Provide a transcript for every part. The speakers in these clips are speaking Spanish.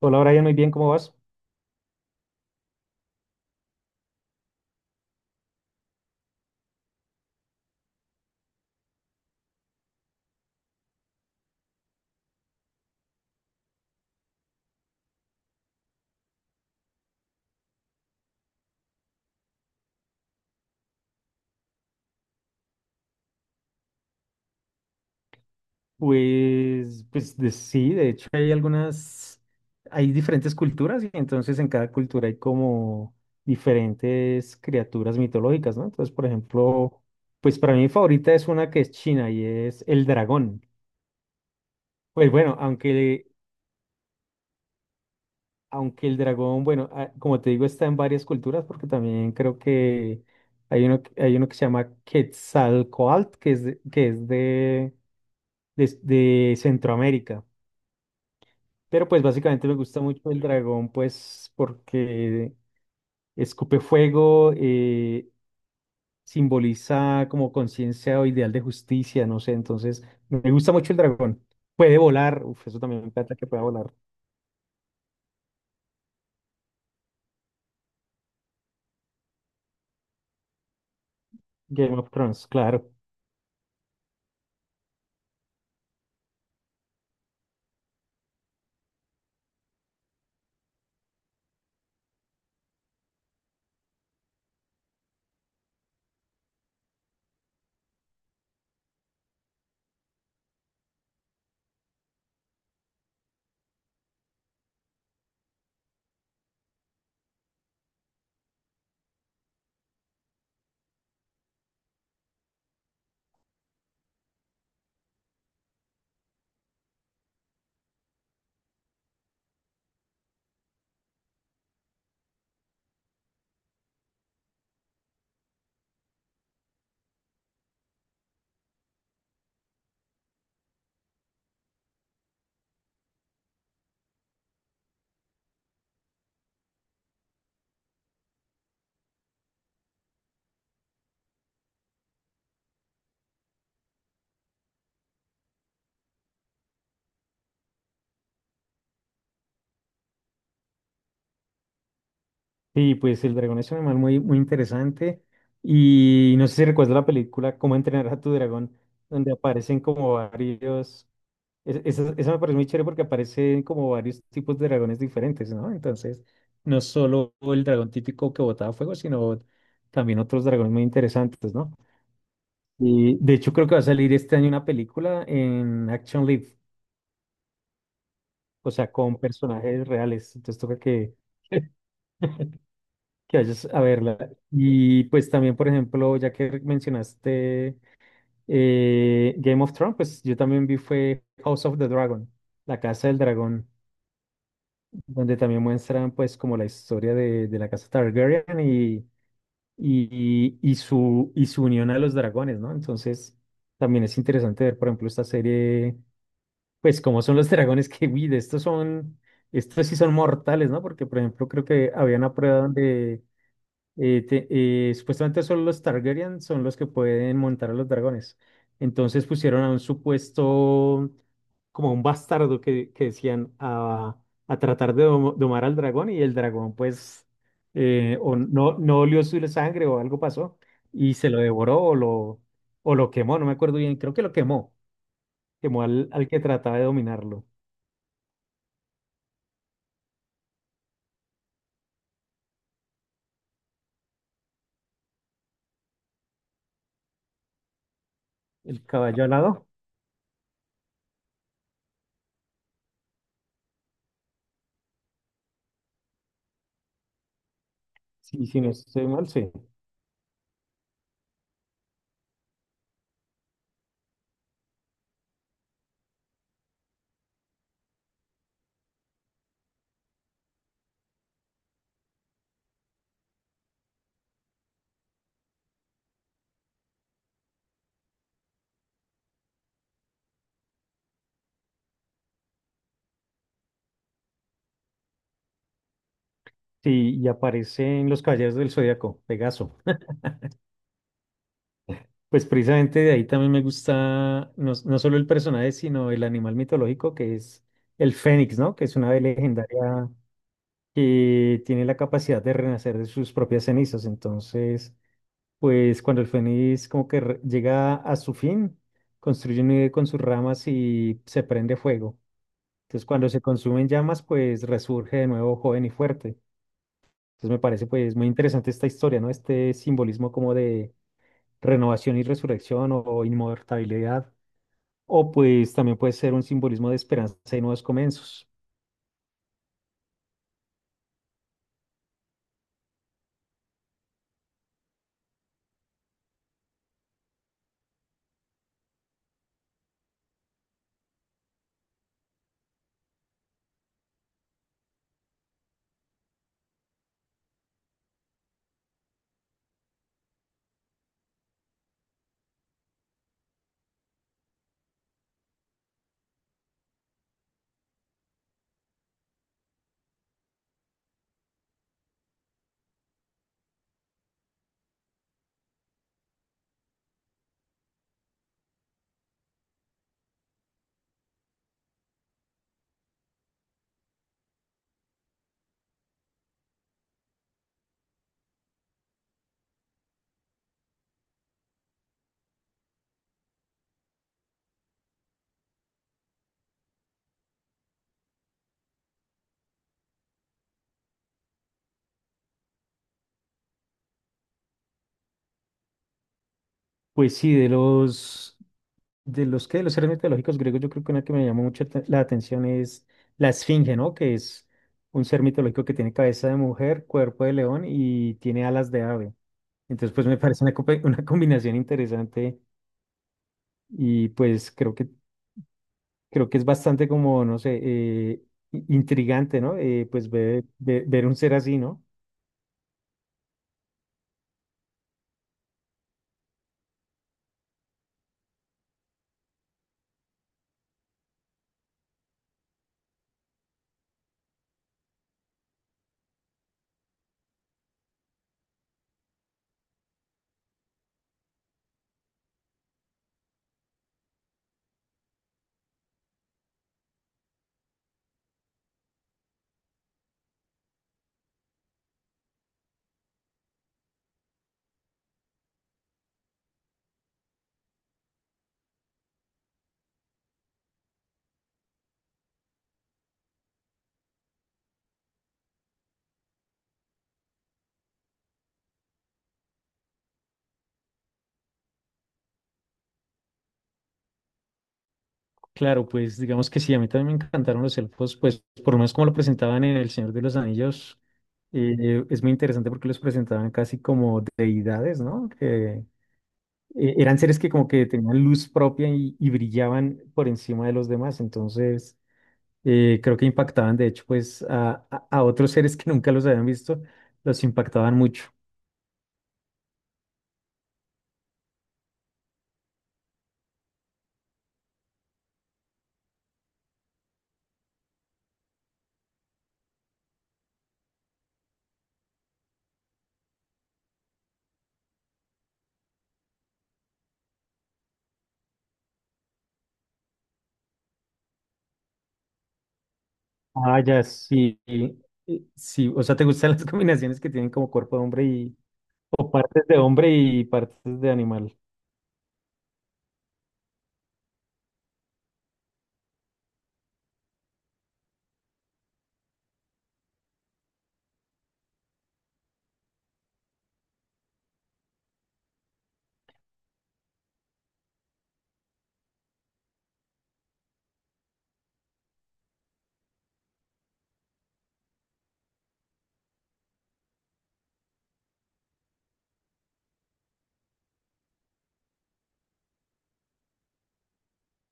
Hola, Brian, muy bien, ¿cómo vas? Pues sí, de hecho hay algunas, hay diferentes culturas y entonces en cada cultura hay como diferentes criaturas mitológicas, ¿no? Entonces, por ejemplo, pues para mí mi favorita es una que es china y es el dragón. Pues bueno, aunque, aunque el dragón, bueno, como te digo, está en varias culturas porque también creo que hay uno, hay uno que se llama Quetzalcóatl, que es de, de Centroamérica. Pero pues básicamente me gusta mucho el dragón, pues porque escupe fuego, simboliza como conciencia o ideal de justicia, no sé, entonces me gusta mucho el dragón. Puede volar, uf, eso también me encanta que pueda volar. Game of Thrones, claro. Y pues el dragón es un animal muy, muy interesante y no sé si recuerdas la película Cómo entrenar a tu dragón, donde aparecen como varios. Esa, esa me parece muy chévere porque aparecen como varios tipos de dragones diferentes, ¿no? Entonces, no solo el dragón típico que botaba fuego, sino también otros dragones muy interesantes, ¿no? Y de hecho creo que va a salir este año una película en Action Live, o sea, con personajes reales. Entonces toca que, que vayas a verla. Y pues también, por ejemplo, ya que mencionaste Game of Thrones, pues yo también vi fue House of the Dragon, La Casa del Dragón, donde también muestran pues como la historia de la casa Targaryen y su, y su unión a los dragones, ¿no? Entonces también es interesante ver, por ejemplo, esta serie, pues cómo son los dragones que, uy, de estos son, estos sí son mortales, ¿no? Porque, por ejemplo, creo que había una prueba donde eh, te- supuestamente solo los Targaryen son los que pueden montar a los dragones. Entonces pusieron a un supuesto, como un bastardo que decían a tratar de domar al dragón y el dragón pues o no, no olió su sangre o algo pasó y se lo devoró o lo quemó, no me acuerdo bien, creo que lo quemó, quemó al, al que trataba de dominarlo. El caballo alado, sí, si no estoy mal, sí. Sí, y aparecen los caballeros del Zodíaco, Pegaso. Pues precisamente de ahí también me gusta no, no solo el personaje, sino el animal mitológico que es el fénix, ¿no? Que es una ave legendaria que tiene la capacidad de renacer de sus propias cenizas. Entonces, pues cuando el fénix como que llega a su fin, construye un nido con sus ramas y se prende fuego. Entonces, cuando se consumen llamas, pues resurge de nuevo joven y fuerte. Entonces, me parece pues muy interesante esta historia, ¿no? Este simbolismo como de renovación y resurrección o inmortalidad. O pues también puede ser un simbolismo de esperanza y nuevos comienzos. Pues sí, de los seres mitológicos griegos, yo creo que una que me llamó mucho la atención es la esfinge, ¿no? Que es un ser mitológico que tiene cabeza de mujer, cuerpo de león y tiene alas de ave. Entonces, pues me parece una, una combinación interesante y pues creo que es bastante como, no sé, intrigante, ¿no? Pues ver un ser así, ¿no? Claro, pues digamos que sí, a mí también me encantaron los elfos, pues por lo menos como lo presentaban en El Señor de los Anillos, es muy interesante porque los presentaban casi como deidades, ¿no? Que eran seres que como que tenían luz propia y brillaban por encima de los demás, entonces creo que impactaban de hecho pues a, a otros seres que nunca los habían visto, los impactaban mucho. Ah, ya, sí. Sí, o sea, ¿te gustan las combinaciones que tienen como cuerpo de hombre y o partes de hombre y partes de animal?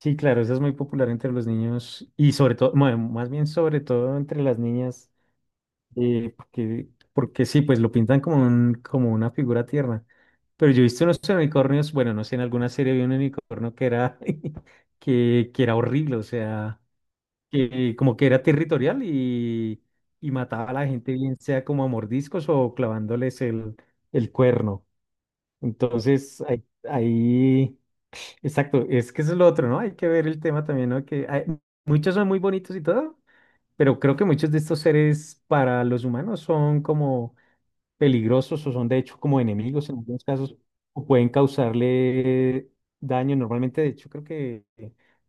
Sí, claro, eso es muy popular entre los niños y sobre todo, bueno, más bien sobre todo entre las niñas, porque, porque sí, pues lo pintan como un, como una figura tierna. Pero yo he visto unos unicornios, bueno, no sé, en alguna serie vi un unicornio que era, que era horrible, o sea, que como que era territorial y mataba a la gente, bien sea como a mordiscos o clavándoles el cuerno. Entonces, ahí, ahí exacto, es que eso es lo otro, ¿no? Hay que ver el tema también, ¿no? Muchos son muy bonitos y todo, pero creo que muchos de estos seres para los humanos son como peligrosos o son de hecho como enemigos en algunos casos o pueden causarle daño. Normalmente, de hecho,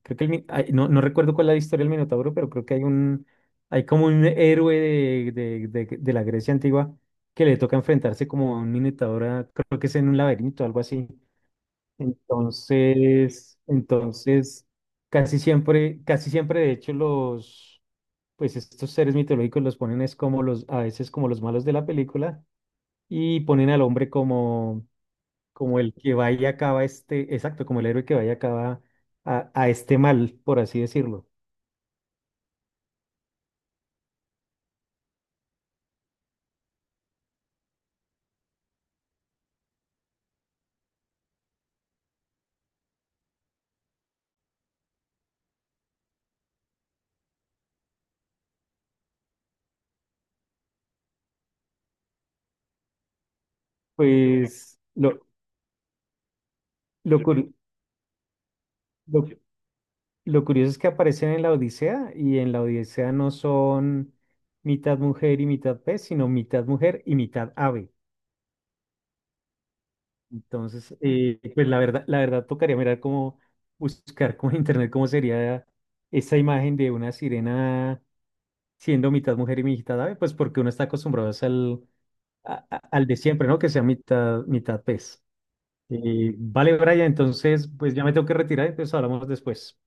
creo que el ay, no, no recuerdo cuál es la historia del Minotauro, pero creo que hay un hay como un héroe de la Grecia antigua que le toca enfrentarse como a un Minotauro, creo que es en un laberinto, algo así. Entonces, entonces, casi siempre, de hecho, los, pues estos seres mitológicos los ponen es como los, a veces como los malos de la película y ponen al hombre como, como el que va y acaba este, exacto, como el héroe que va y acaba a este mal, por así decirlo. Pues lo, lo, cur- lo, lo curioso es que aparecen en la Odisea y en la Odisea no son mitad mujer y mitad pez, sino mitad mujer y mitad ave. Entonces, pues la verdad tocaría mirar cómo buscar como en internet cómo sería esa imagen de una sirena siendo mitad mujer y mitad ave, pues porque uno está acostumbrado es al, al de siempre, ¿no? Que sea mitad, mitad pez. Vale, Brian, entonces, pues ya me tengo que retirar, entonces hablamos después.